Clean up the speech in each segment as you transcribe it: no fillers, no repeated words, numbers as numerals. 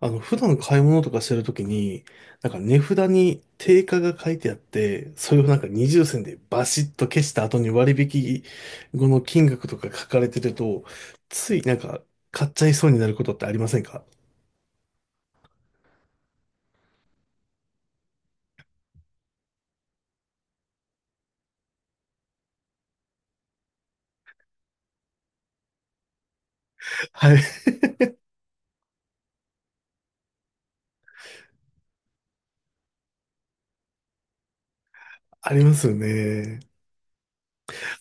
普段買い物とかしてるときに、値札に定価が書いてあって、それを二重線でバシッと消した後に割引後の金額とか書かれてると、つい買っちゃいそうになることってありませんか？はい。ありますよね。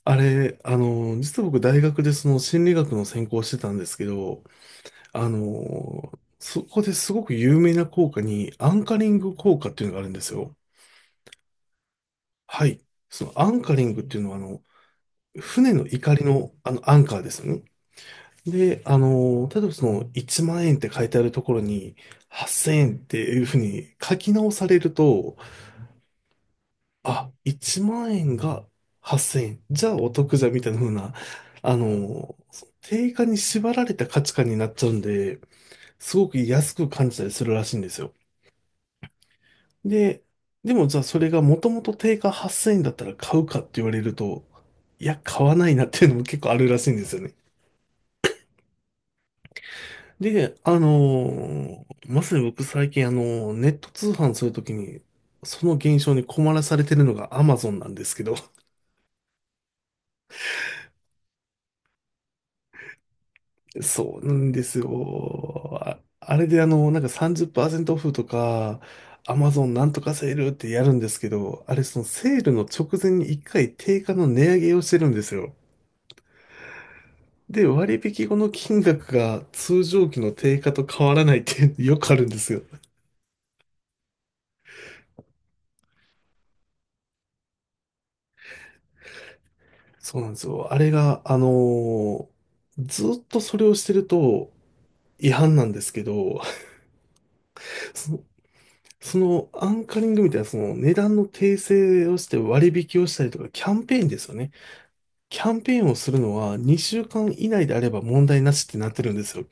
あれ、実は僕大学でその心理学の専攻をしてたんですけど、あの、そこですごく有名な効果にアンカリング効果っていうのがあるんですよ。はい。そのアンカリングっていうのは船の怒りの、あのアンカーですよね。で、あの、例えばその1万円って書いてあるところに8000円っていうふうに書き直されると、あ、1万円が8000円、じゃあお得じゃんみたいなふうな、あの、定価に縛られた価値観になっちゃうんで、すごく安く感じたりするらしいんですよ。で、でもじゃあそれがもともと定価8000円だったら買うかって言われると、いや、買わないなっていうのも結構あるらしいんですよね。で、まさに僕最近ネット通販するときに、その現象に困らされてるのが Amazon なんですけど、そうなんですよ。あれであのなんか30%オフとか、Amazon なんとかセールってやるんですけど、あれそのセールの直前に一回定価の値上げをしてるんですよ。で、割引後の金額が通常期の定価と変わらないっていうよくあるんですよ。そうなんですよ。あれが、ずっとそれをしてると違反なんですけど、その、そのアンカリングみたいな、その値段の訂正をして割引をしたりとか、キャンペーンですよね。キャンペーンをするのは2週間以内であれば問題なしってなってるんですよ。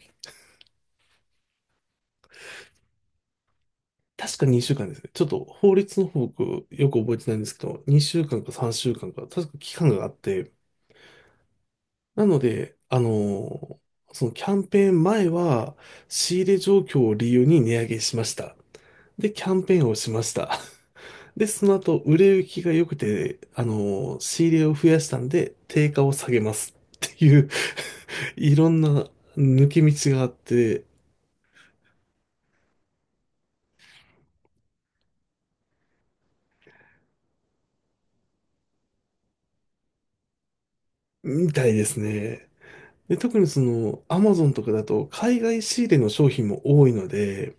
確か2週間ですね。ちょっと法律の方僕よく覚えてないんですけど、2週間か3週間かんか、確か期間があって、なので、そのキャンペーン前は、仕入れ状況を理由に値上げしました。で、キャンペーンをしました。で、その後、売れ行きが良くて、仕入れを増やしたんで、定価を下げます。っていう いろんな抜け道があって、みたいですね。で、特にその、アマゾンとかだと、海外仕入れの商品も多いので、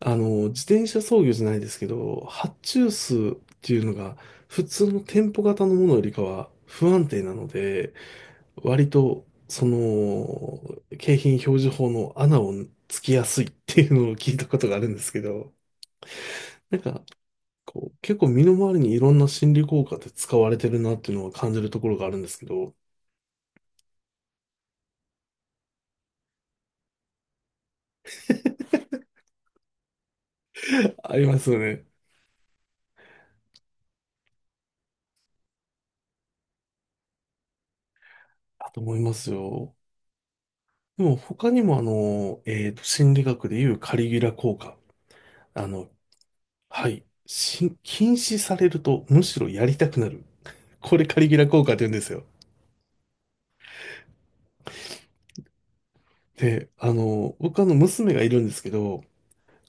自転車操業じゃないですけど、発注数っていうのが普通の店舗型のものよりかは不安定なので、割とその景品表示法の穴をつきやすいっていうのを聞いたことがあるんですけど、なんかこう結構身の回りにいろんな心理効果って使われてるなっていうのは感じるところがあるんですけど、ありますよね。だと思いますよ。でも他にもあの、心理学でいうカリギュラ効果。あの、はい。禁止されるとむしろやりたくなる。これカリギュラ効果って言うんですよ。で、あの、僕あの娘がいるんですけど、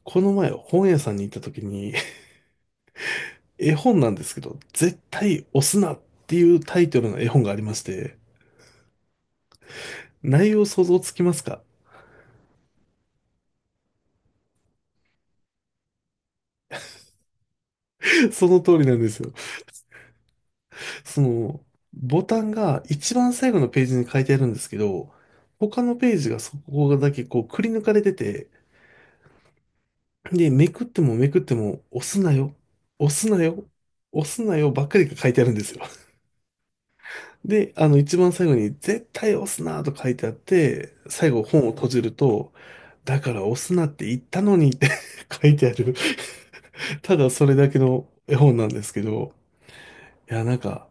この前本屋さんに行った時に 絵本なんですけど、絶対押すなっていうタイトルの絵本がありまして、内容想像つきますか？ その通りなんですよ。その、ボタンが一番最後のページに書いてあるんですけど、他のページがそこだけこうくり抜かれてて、で、めくってもめくっても、押すなよ、押すなよ、押すなよばっかりが書いてあるんですよ。で、あの、一番最後に、絶対押すなと書いてあって、最後本を閉じると、だから押すなって言ったのにって 書いてある、ただそれだけの絵本なんですけど、いや、なんか、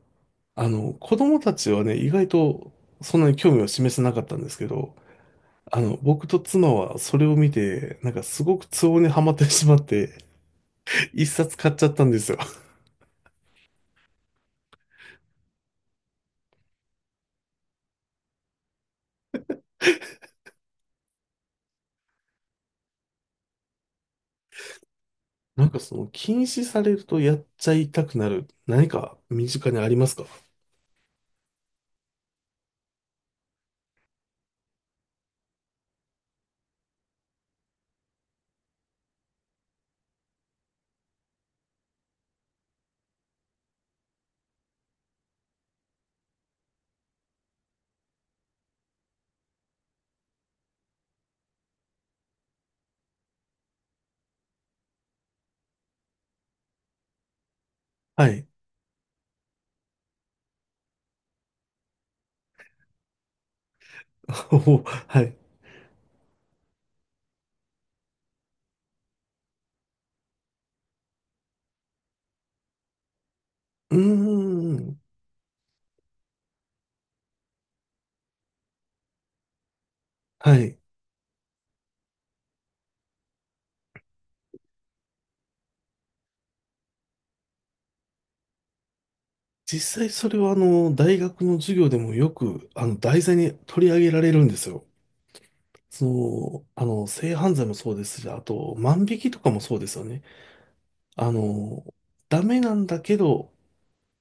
あの、子供たちはね、意外とそんなに興味を示せなかったんですけど、あの、僕と妻はそれを見て、なんかすごく都合にはまってしまって、一冊買っちゃったんですよ。その禁止されるとやっちゃいたくなる何か身近にありますか？はい。おはい。うーん。はい。実際それはあの、大学の授業でもよく、あの、題材に取り上げられるんですよ。その、あの、性犯罪もそうですし、あと、万引きとかもそうですよね。あの、ダメなんだけど、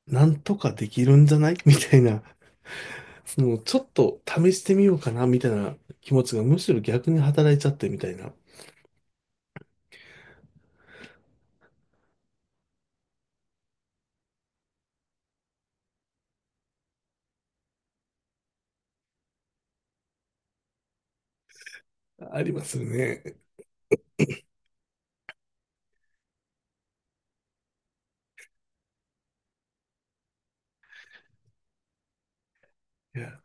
なんとかできるんじゃない みたいな、その、ちょっと試してみようかな、みたいな気持ちがむしろ逆に働いちゃってみたいな。ありますよね。いや、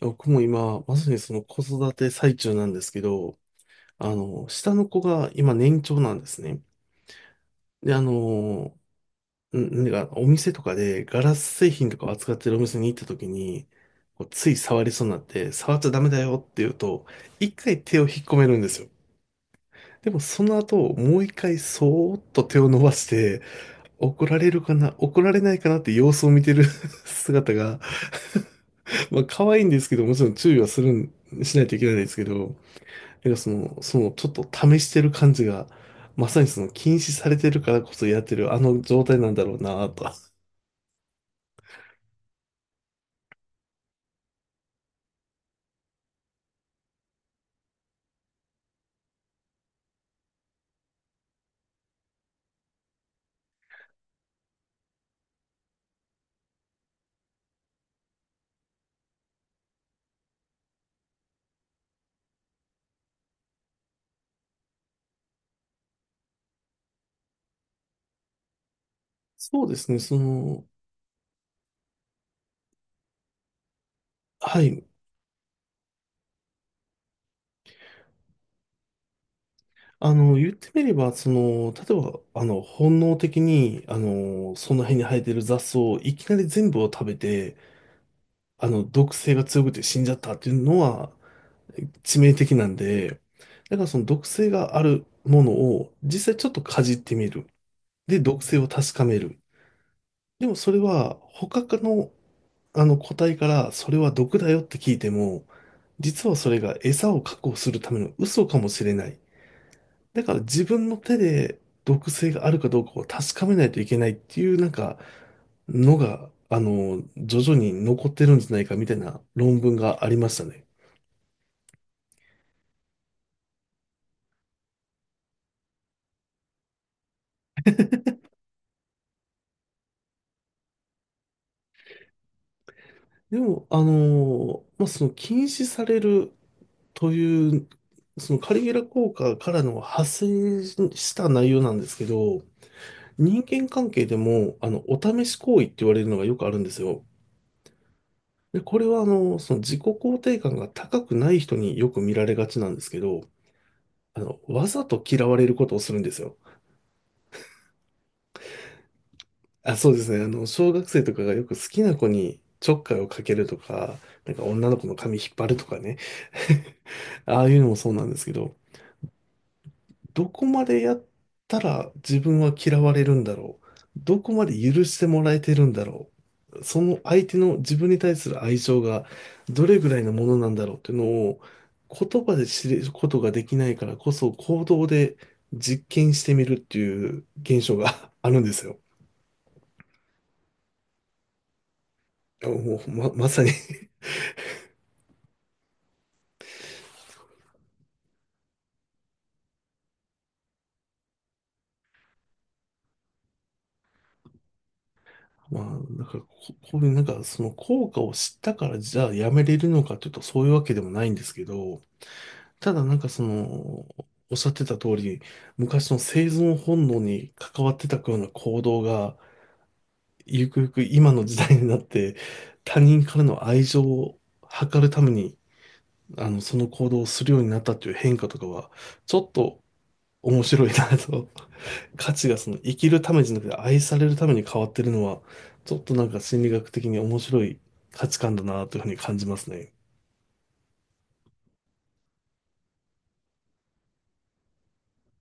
僕も今、まさにその子育て最中なんですけど、下の子が今年長なんですね。で、あの、なんかお店とかでガラス製品とかを扱ってるお店に行った時に、こうつい触りそうになって、触っちゃダメだよって言うと、一回手を引っ込めるんですよ。でもその後、もう一回そーっと手を伸ばして、怒られるかな、怒られないかなって様子を見てる 姿が、まあ、可愛いんですけど、もちろん注意はするん、しないといけないですけど、その、ちょっと試してる感じが、まさにその、禁止されてるからこそやってる、あの状態なんだろうなと。そうですね、その、はい。あの、言ってみれば、その、例えば、あの、本能的に、あの、その辺に生えてる雑草をいきなり全部を食べて、あの、毒性が強くて死んじゃったっていうのは、致命的なんで、だからその毒性があるものを実際ちょっとかじってみる。で、毒性を確かめる。でもそれは他の、あの個体からそれは毒だよって聞いても、実はそれが餌を確保するための嘘かもしれない。だから自分の手で毒性があるかどうかを確かめないといけないっていうのが、あの、徐々に残ってるんじゃないかみたいな論文がありましたね。でも、あの、まあ、その禁止されるという、そのカリゲラ効果からの派生した内容なんですけど、人間関係でも、あの、お試し行為って言われるのがよくあるんですよ。で、これは、あの、その自己肯定感が高くない人によく見られがちなんですけど、あの、わざと嫌われることをするんですよ。あ、そうですね。あの、小学生とかがよく好きな子にちょっかいをかけるとか、女の子の髪引っ張るとかね。ああいうのもそうなんですけど、どこまでやったら自分は嫌われるんだろう。どこまで許してもらえてるんだろう。その相手の自分に対する愛情がどれぐらいのものなんだろうっていうのを言葉で知ることができないからこそ行動で実験してみるっていう現象が あるんですよ。もうま、まさに まあ、なんかこ、こういうその効果を知ったからじゃあやめれるのかというとそういうわけでもないんですけど、ただその、おっしゃってた通り、昔の生存本能に関わってたような行動が、ゆくゆく今の時代になって、他人からの愛情を図るために、あの、その行動をするようになったっていう変化とかは、ちょっと面白いなと。価値がその生きるためじゃなくて愛されるために変わってるのは、ちょっとなんか心理学的に面白い価値観だなというふうに感じますね。